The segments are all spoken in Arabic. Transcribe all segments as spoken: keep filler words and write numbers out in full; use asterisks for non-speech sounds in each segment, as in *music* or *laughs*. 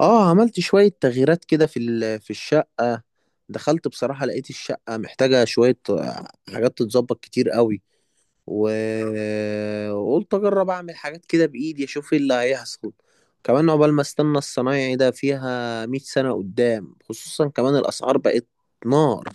اه عملت شوية تغييرات كده في ال- في الشقة. دخلت بصراحة لقيت الشقة محتاجة شوية آه، حاجات تتظبط كتير قوي، و- وقلت اجرب اعمل حاجات كده بايدي اشوف ايه اللي هيحصل كمان عقبال ما استنى الصنايعي ده فيها مئة سنة قدام، خصوصا كمان الاسعار بقت نار.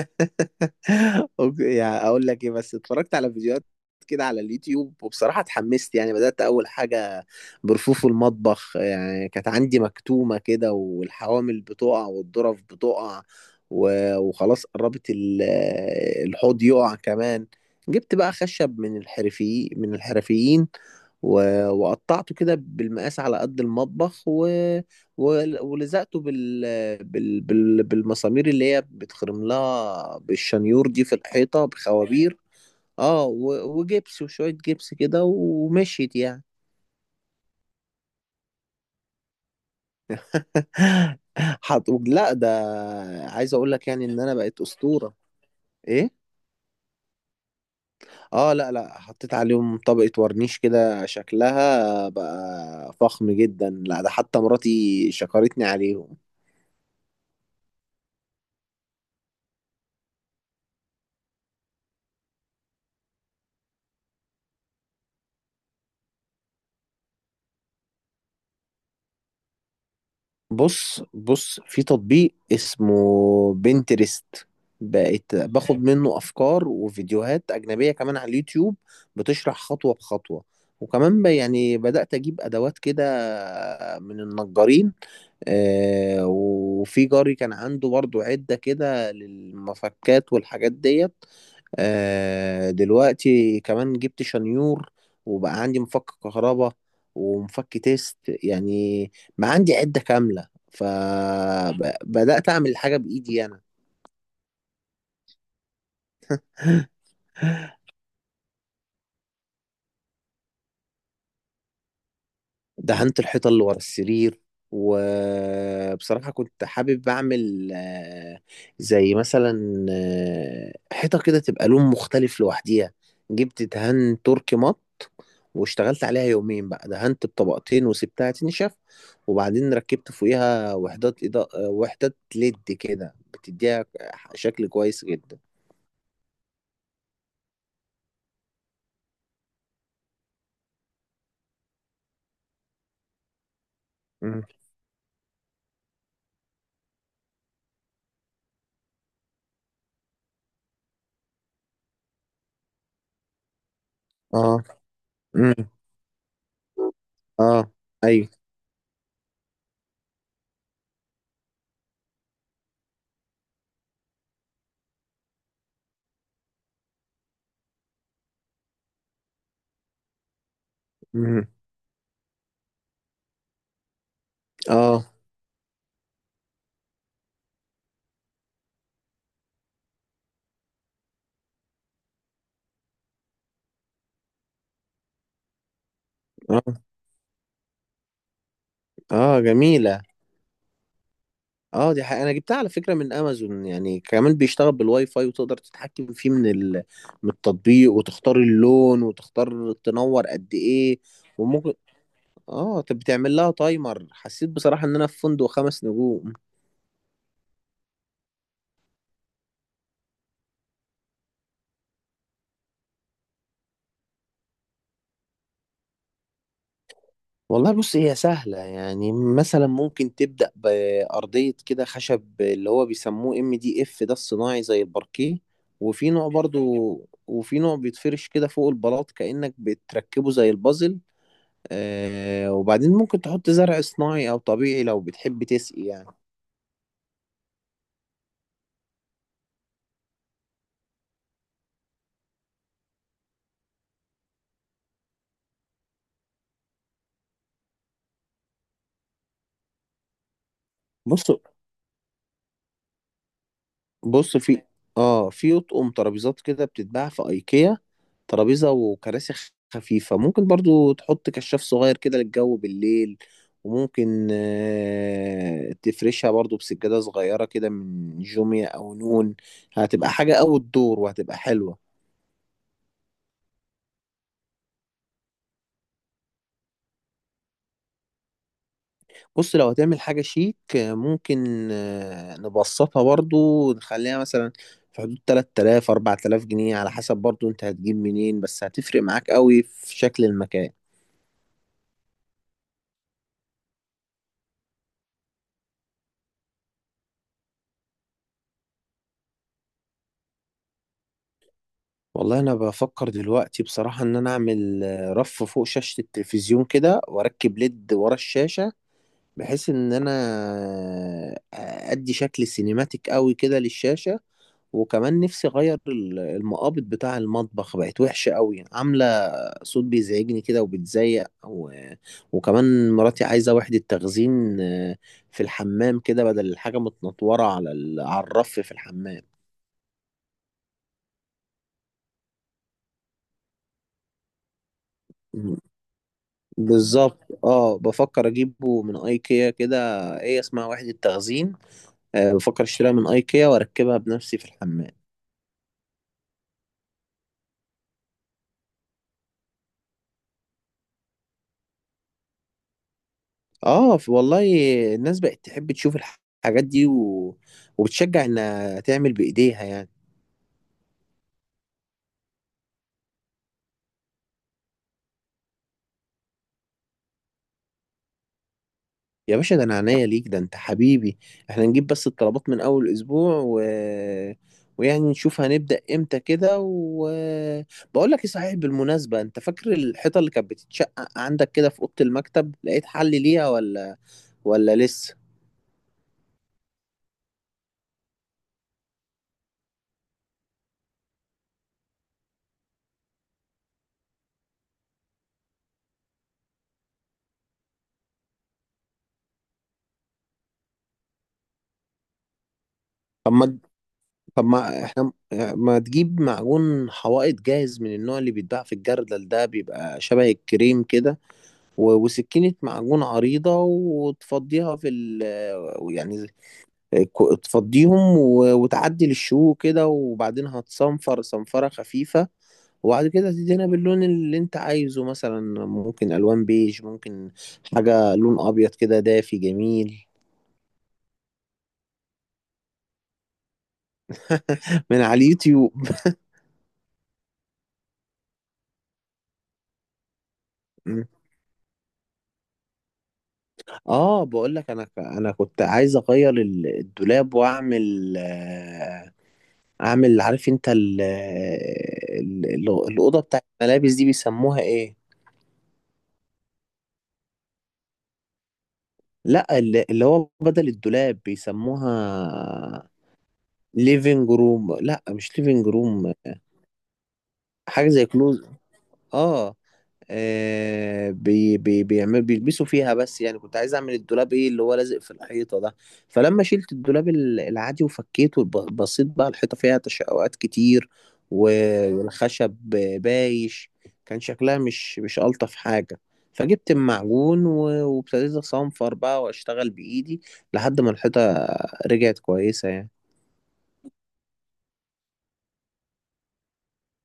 *laughs* اوكي، يعني اقول لك ايه، بس اتفرجت على فيديوهات كده على اليوتيوب وبصراحة اتحمست، يعني بدأت اول حاجة برفوف المطبخ، يعني كانت عندي مكتومة كده والحوامل بتقع والظرف بتقع، و- وخلاص قربت ال- الحوض يقع كمان. جبت بقى خشب من الحرفي من الحرفيين، و- وقطعته كده بالمقاس على قد المطبخ، و... و- ولزقته بال... بال... بال... بالمسامير اللي هي بتخرم لها بالشنيور دي في الحيطة بخوابير، اه، و... وجبس وشوية جبس كده ومشيت يعني. *laughs* حط... لا، ده عايز اقول لك يعني ان انا بقيت اسطورة. ايه. اه، لا لا، حطيت عليهم طبقة ورنيش كده، شكلها بقى فخم جدا، لا ده حتى مراتي شكرتني عليهم. بص بص، في تطبيق اسمه بنترست، بقيت باخد تمام، منه افكار وفيديوهات اجنبيه كمان على اليوتيوب بتشرح خطوه بخطوه. وكمان ب- يعني بدات اجيب ادوات كده من النجارين، آه، وفي جاري كان عنده برضو عده كده للمفكات والحاجات ديت. آه، دلوقتي كمان جبت شنيور، وبقى عندي مفك كهرباء ومفك تيست، يعني ما عندي عدة كاملة، فبدأت أعمل الحاجة بإيدي أنا. *laughs* دهنت الحيطة اللي ورا السرير، وبصراحة كنت حابب أعمل آه، زي مثلا آه، حيطة كده تبقى لون مختلف لوحديها. جبت دهان تركي مط، واشتغلت عليها يومين بقى، دهنت بطبقتين وسبتها تنشف، وبعدين ركبت فوقيها وحدات إضاءة آه، وحدات ليد كده، بتديها شكل كويس جدا. مم. اه. مم. اه. ايوه. مم. اه. اه. اه، جميلة. اه، دي حقيقة انا جبتها على فكرة من امازون، يعني كمان بيشتغل بالواي فاي، وتقدر تتحكم فيه من ال... من التطبيق، وتختار اللون وتختار تنور قد ايه. وممكن، اه طب بتعمل لها تايمر. حسيت بصراحة ان انا في فندق خمس نجوم. والله بص، هي سهلة، يعني مثلا ممكن تبدأ بأرضية كده خشب، اللي هو بيسموه ام دي اف ده، الصناعي زي الباركيه. وفي نوع برضو، وفي نوع بيتفرش كده فوق البلاط كأنك بتركبه زي البازل، آه وبعدين ممكن تحط زرع صناعي او طبيعي لو بتحب تسقي يعني. بص بص، في اه في اطقم ترابيزات كده بتتباع في ايكيا، ترابيزه وكراسي خ- خفيفه، ممكن برضو تحط كشاف صغير كده للجو بالليل، وممكن آه تفرشها برضو بسجاده صغيره كده من جوميا او نون، هتبقى حاجه اوت دور وهتبقى حلوه. بص، لو هتعمل حاجة شيك، آه، ممكن، آه، نبسطها برضو، نخليها مثلا في حدود تلات آلاف أربعة آلاف جنيه، على حسب برضو انت هتجيب منين، بس هتفرق معاك قوي في شكل المكان. والله انا بفكر دلوقتي بصراحة ان انا اعمل، آه، رف فوق شاشة التلفزيون كده واركب ليد ورا الشاشة، بحيث ان انا آه، ادي شكل سينماتيك قوي كده للشاشة. وكمان نفسي اغير ال- المقابض بتاع المطبخ، بقت وحشه قوي، عامله صوت بيزعجني كده وبتزيق. و... وكمان مراتي عايزه وحده تخزين، آه، في الحمام كده، بدل الحاجه متنطوره على ال... على الرف في الحمام. م. بالظبط. اه، بفكر اجيبه من ايكيا كده. ايه اسمها، وحده تخزين، آه، بفكر اشتريها من ايكيا واركبها بنفسي في الحمام. اه، ف- والله الناس بقت تحب تشوف الحاجات دي، و... وبتشجع انها تعمل بايديها يعني. يا باشا، ده انا عينيا ليك، ده انت حبيبي، احنا نجيب بس الطلبات من اول اسبوع، و... ويعني نشوف هنبدأ امتى كده. و بقول لك ايه، صحيح بالمناسبة، انت فاكر الحيطة اللي كانت بتتشقق عندك كده في أوضة المكتب؟ لقيت حل ليها ولا ولا لسه؟ طب ما طب ما احنا ما تجيب معجون حوائط جاهز من النوع اللي بيتباع في الجردل ده، بيبقى شبه الكريم كده، و- وسكينة معجون عريضة، وتفضيها في ال يعني، كو- تفضيهم، و- وتعدل الشو كده، وبعدين هتصنفر صنفرة خفيفة، وبعد كده تدهنها باللون اللي انت عايزه، مثلا ممكن الوان بيج، ممكن حاجة لون ابيض كده دافي جميل. من على اليوتيوب. *laughs* م. اه، بقول لك، انا ك- انا كنت عايز اغير ال- الدولاب واعمل آه، اعمل، عارف انت ال- ال- ال- الاوضه بتاعت الملابس دي بيسموها ايه؟ لا، ال- اللي هو بدل الدولاب بيسموها ليفينج روم. لا، مش ليفينج روم. حاجه زي كلوز. اه, آه بي بي بيعمل بيلبسوا فيها، بس يعني كنت عايز اعمل الدولاب، ايه اللي هو لازق في الحيطه ده. فلما شلت الدولاب ال- العادي وفكيته، ب- بصيت بقى الحيطه فيها تشققات كتير، و- والخشب بايش، كان شكلها مش مش الطف حاجه، فجبت المعجون، و- وابتديت اصنفر بقى واشتغل بايدي لحد ما الحيطه رجعت كويسه يعني.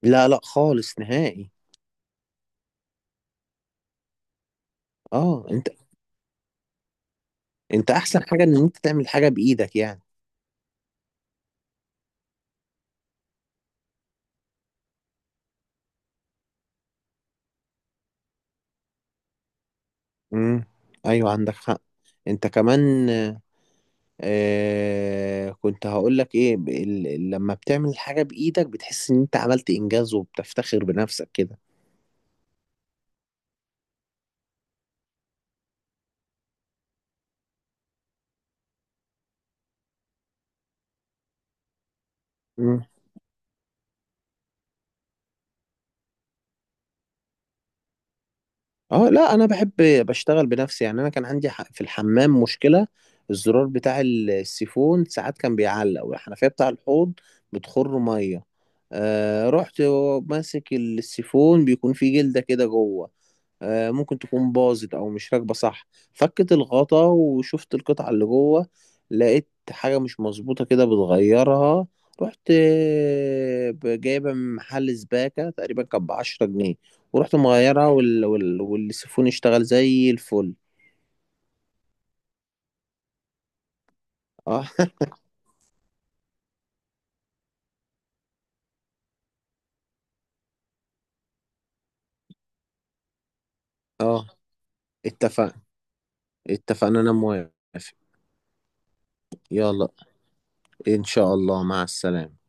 لا لا، خالص نهائي. اه. انت انت احسن حاجة ان انت تعمل حاجة بايدك يعني. امم، ايوه عندك حق. انت كمان، آه كنت هقولك ايه، ب- ال- لما بتعمل حاجة بايدك بتحس ان انت عملت انجاز وبتفتخر بنفسك كده. امم. اه، لا، انا بحب بشتغل بنفسي يعني. انا كان عندي ح- في الحمام مشكلة، الزرار بتاع السيفون ساعات كان بيعلق، والحنفية بتاع الحوض بتخر مية. آه رحت ماسك السيفون، بيكون فيه جلدة كده جوه، آه، ممكن تكون باظت او مش راكبه صح. فكت الغطا وشفت القطعه اللي جوه، لقيت حاجه مش مظبوطه كده بتغيرها، رحت آه، ب- جايبها من محل سباكه، تقريبا كانت بعشرة جنيه، ورحت مغيرها، وال... وال... والسيفون اشتغل زي الفل. اه. *laughs* اه، اتفقنا. اتفقنا، انا موافق. يلا، ان شاء الله، مع السلامه.